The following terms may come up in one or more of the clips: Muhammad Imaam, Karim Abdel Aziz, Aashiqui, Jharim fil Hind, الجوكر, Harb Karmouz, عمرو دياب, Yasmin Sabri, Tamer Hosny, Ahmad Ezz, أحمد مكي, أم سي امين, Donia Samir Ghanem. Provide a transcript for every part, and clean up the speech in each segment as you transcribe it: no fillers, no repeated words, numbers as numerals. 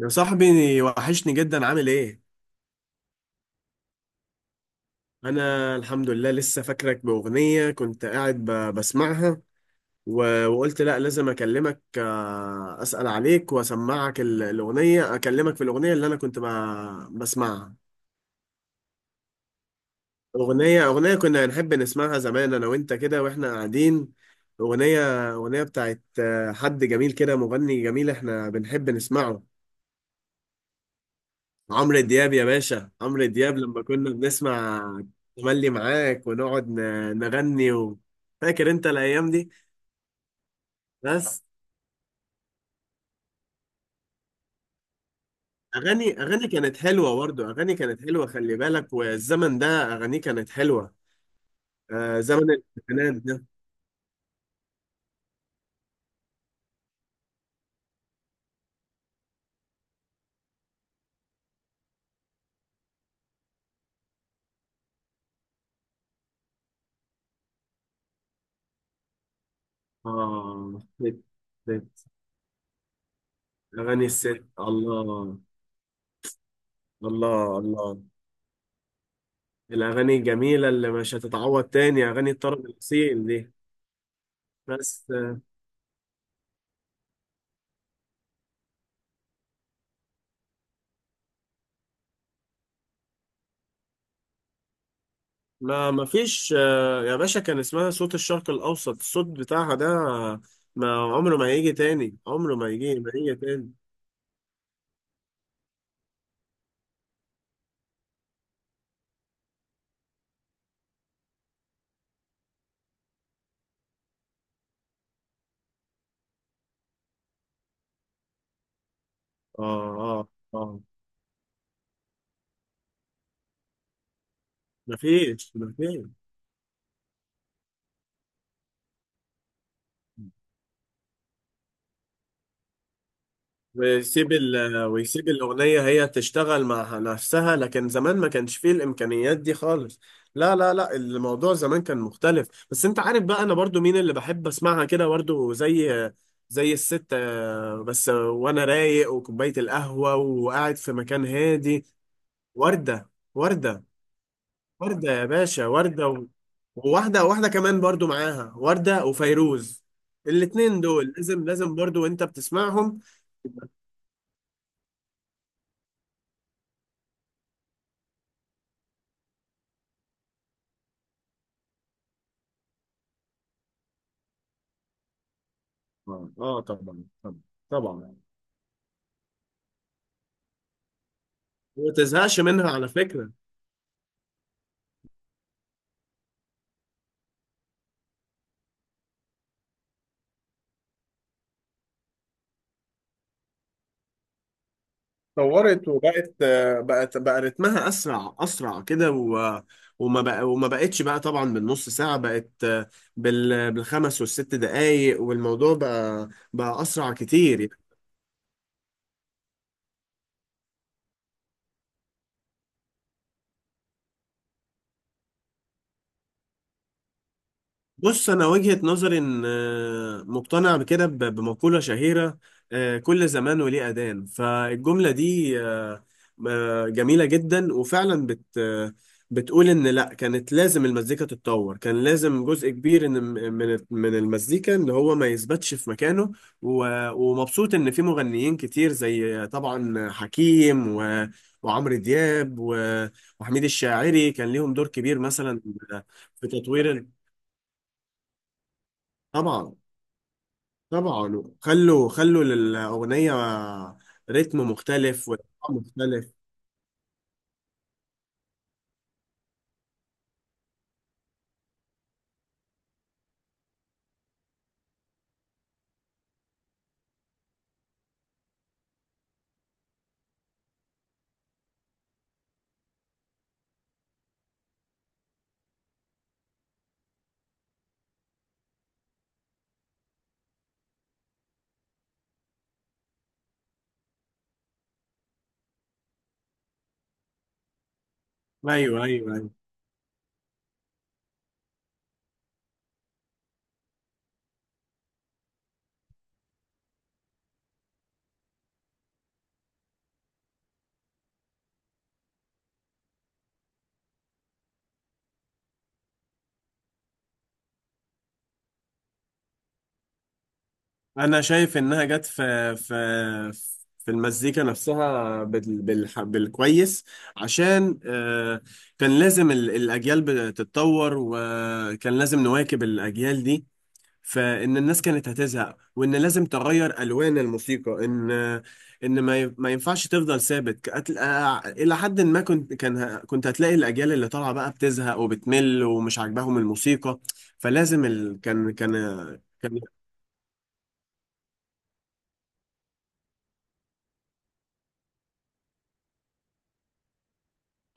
يا صاحبي، وحشني جدا، عامل ايه؟ انا الحمد لله لسه فاكرك باغنية كنت قاعد بسمعها، وقلت لا لازم اكلمك، اسأل عليك واسمعك الاغنية، اكلمك في الاغنية اللي انا كنت بسمعها. اغنية كنا نحب نسمعها زمان انا وانت كده واحنا قاعدين. اغنية بتاعت حد جميل كده، مغني جميل احنا بنحب نسمعه، عمرو دياب يا باشا. عمرو دياب لما كنا بنسمع تملي معاك ونقعد نغني و... فاكر انت الايام دي؟ بس. اغاني كانت حلوه، برضه اغاني كانت حلوه، خلي بالك، والزمن ده اغانيه كانت حلوه. آه، زمن الالفينات ده. اه، بت- اغاني الست، الله، الله، الله. الاغاني الجميله اللي مش هتتعوض تاني، اغاني الطرب الاصيل دي. بس ما فيش، يا باشا، كان اسمها صوت الشرق الأوسط، الصوت بتاعها ده ما عمره ما هيجي تاني، عمره ما هيجي، ما هيجي تاني. اه، اه، اه. ما فيش، ما فيش. ويسيب الأغنية هي تشتغل مع نفسها، لكن زمان ما كانش فيه الإمكانيات دي خالص. لا، لا، لا، الموضوع زمان كان مختلف، بس أنت عارف بقى أنا برضو مين اللي بحب أسمعها كده؟ برضو، زي زي الست، بس وأنا رايق وكوباية القهوة وقاعد في مكان هادي. وردة. وردة. وردة يا باشا، وردة و... وواحدة واحدة كمان برضو معاها، وردة وفيروز، الاتنين دول لازم، لازم برضو وانت بتسمعهم. اه، طبعا، طبعا، طبعا. وما تزهقش منها على فكرة. اتطورت وبقت، بقت بقى رتمها اسرع، اسرع كده و... وما بقى، وما بقتش بقى، طبعا بالنص ساعة، بقت، بالخمس والست دقايق، والموضوع بقى بقى اسرع كتير. بص، انا وجهة نظري ان مقتنع بكده، بمقولة شهيرة، كل زمان وليه أذان. فالجملة دي، جميلة جدا، وفعلا بت آه، بتقول ان لا، كانت لازم المزيكا تتطور، كان لازم جزء كبير، من المزيكا ان هو ما يثبتش في مكانه. ومبسوط ان في مغنيين كتير، زي طبعا حكيم وعمرو دياب وحميد الشاعري، كان ليهم دور كبير مثلا في تطوير طبعا، طبعا، خلوا، خلوا للأغنية رتم مختلف وإيقاع مختلف. أيوه، أيوه، أيوه. أنا شايف إنها جت في في المزيكا نفسها، بالكويس. عشان كان لازم الأجيال بتتطور، وكان لازم نواكب الأجيال دي، فان الناس كانت هتزهق، وان لازم تغير الوان الموسيقى، ان ما ينفعش تفضل ثابت. الى حد ما، كنت كنت هتلاقي الاجيال اللي طالعه بقى بتزهق وبتمل ومش عاجباهم الموسيقى، فلازم كان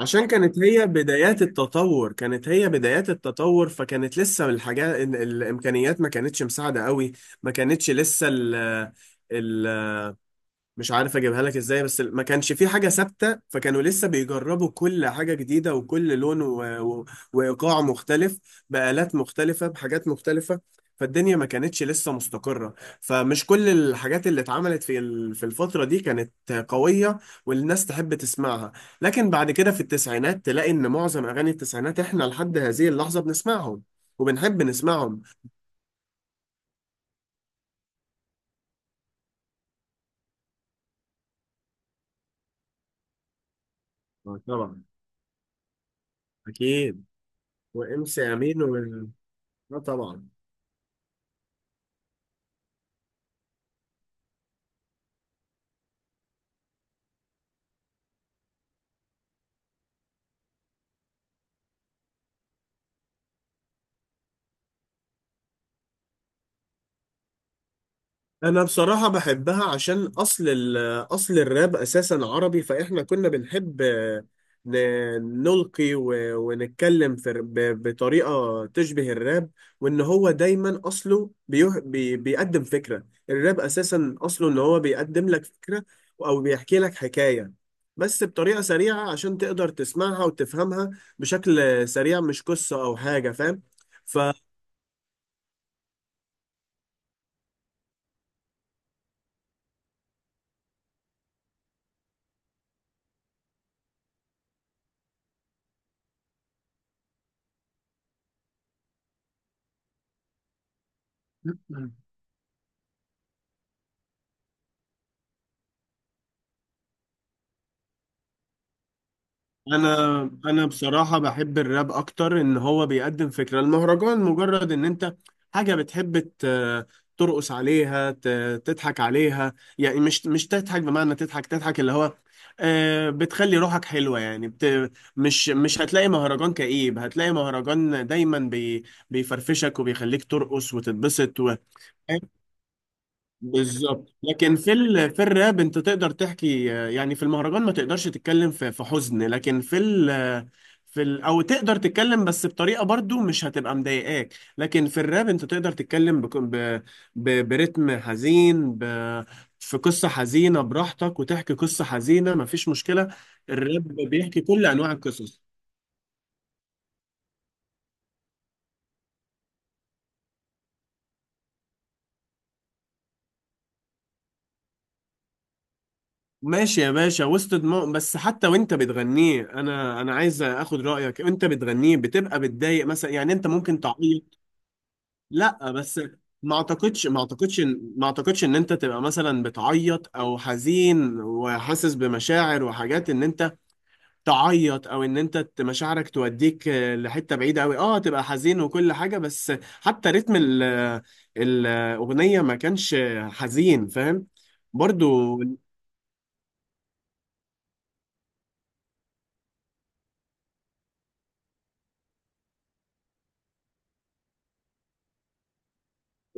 عشان كانت هي بدايات التطور، كانت هي بدايات التطور، فكانت لسه الحاجات الامكانيات ما كانتش مساعده قوي، ما كانتش لسه ال... مش عارف اجيبها لك ازاي، بس ما كانش في حاجة ثابتة، فكانوا لسه بيجربوا كل حاجة جديدة وكل لون و... و... وايقاع مختلف، بآلات مختلفة بحاجات مختلفة. فالدنيا ما كانتش لسه مستقرة، فمش كل الحاجات اللي اتعملت في في الفترة دي كانت قوية والناس تحب تسمعها. لكن بعد كده في التسعينات تلاقي ان معظم اغاني التسعينات احنا لحد هذه اللحظة بنسمعهم وبنحب نسمعهم. طبعا. اكيد. وام سي امين و... طبعا. انا بصراحة بحبها، عشان اصل الراب اساسا عربي، فاحنا كنا بنحب نلقي ونتكلم في بطريقة تشبه الراب. وان هو دايما اصله بيه بي بيقدم فكرة، الراب اساسا اصله ان هو بيقدم لك فكرة او بيحكي لك حكاية، بس بطريقة سريعة عشان تقدر تسمعها وتفهمها بشكل سريع، مش قصة او حاجة، فاهم؟ ف انا بصراحه بحب الراب اكتر، ان هو بيقدم فكره. المهرجان مجرد ان انت حاجه بتحب ترقص عليها، تضحك عليها، يعني مش مش تضحك بمعنى تضحك، تضحك اللي هو بتخلي روحك حلوه، يعني مش مش هتلاقي مهرجان كئيب، هتلاقي مهرجان دايما بيفرفشك وبيخليك ترقص وتتبسط. بالظبط. لكن في الراب انت تقدر تحكي، يعني في المهرجان ما تقدرش تتكلم في في حزن، لكن في ال... آه، في ال... او تقدر تتكلم، بس بطريقه برضو مش هتبقى مضايقاك. لكن في الراب انت تقدر تتكلم برتم حزين، في قصه حزينه براحتك، وتحكي قصه حزينه مفيش مشكله. الراب بيحكي كل انواع القصص. ماشي يا باشا، وسط دماغ. بس حتى وانت بتغنيه، انا انا عايز اخد رايك، انت بتغنيه بتبقى بتضايق مثلا؟ يعني انت ممكن تعيط؟ لا، بس ما اعتقدش ان انت تبقى مثلا بتعيط او حزين وحاسس بمشاعر وحاجات ان انت تعيط، او ان انت مشاعرك توديك، لحته بعيده قوي، اه تبقى حزين وكل حاجه. بس حتى رتم الاغنيه ما كانش حزين، فاهم؟ برضو.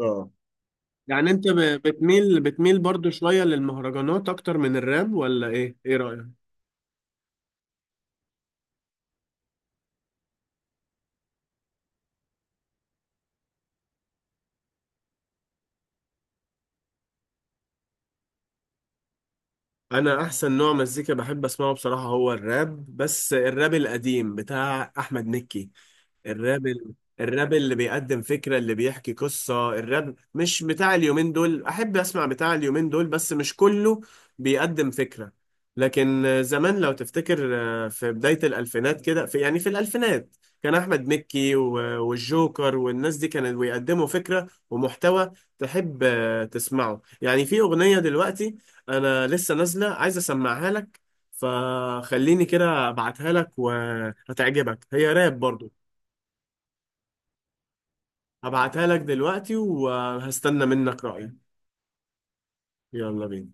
اه، يعني انت بتميل برضو شوية للمهرجانات اكتر من الراب، ولا ايه؟ ايه رأيك؟ انا احسن نوع مزيكا بحب اسمعه بصراحة هو الراب، بس الراب القديم بتاع احمد مكي. الراب الراب اللي بيقدم فكرة، اللي بيحكي قصة. الراب مش بتاع اليومين دول، أحب أسمع بتاع اليومين دول بس مش كله بيقدم فكرة. لكن زمان لو تفتكر، في بداية الألفينات كده، في يعني في الألفينات كان أحمد مكي والجوكر والناس دي كانوا بيقدموا فكرة ومحتوى تحب تسمعه. يعني في أغنية دلوقتي أنا لسه نازلة عايز أسمعها لك، فخليني كده أبعتها لك وهتعجبك، هي راب برضو. هبعتها لك دلوقتي وهستنى منك رأيك. يلا بينا.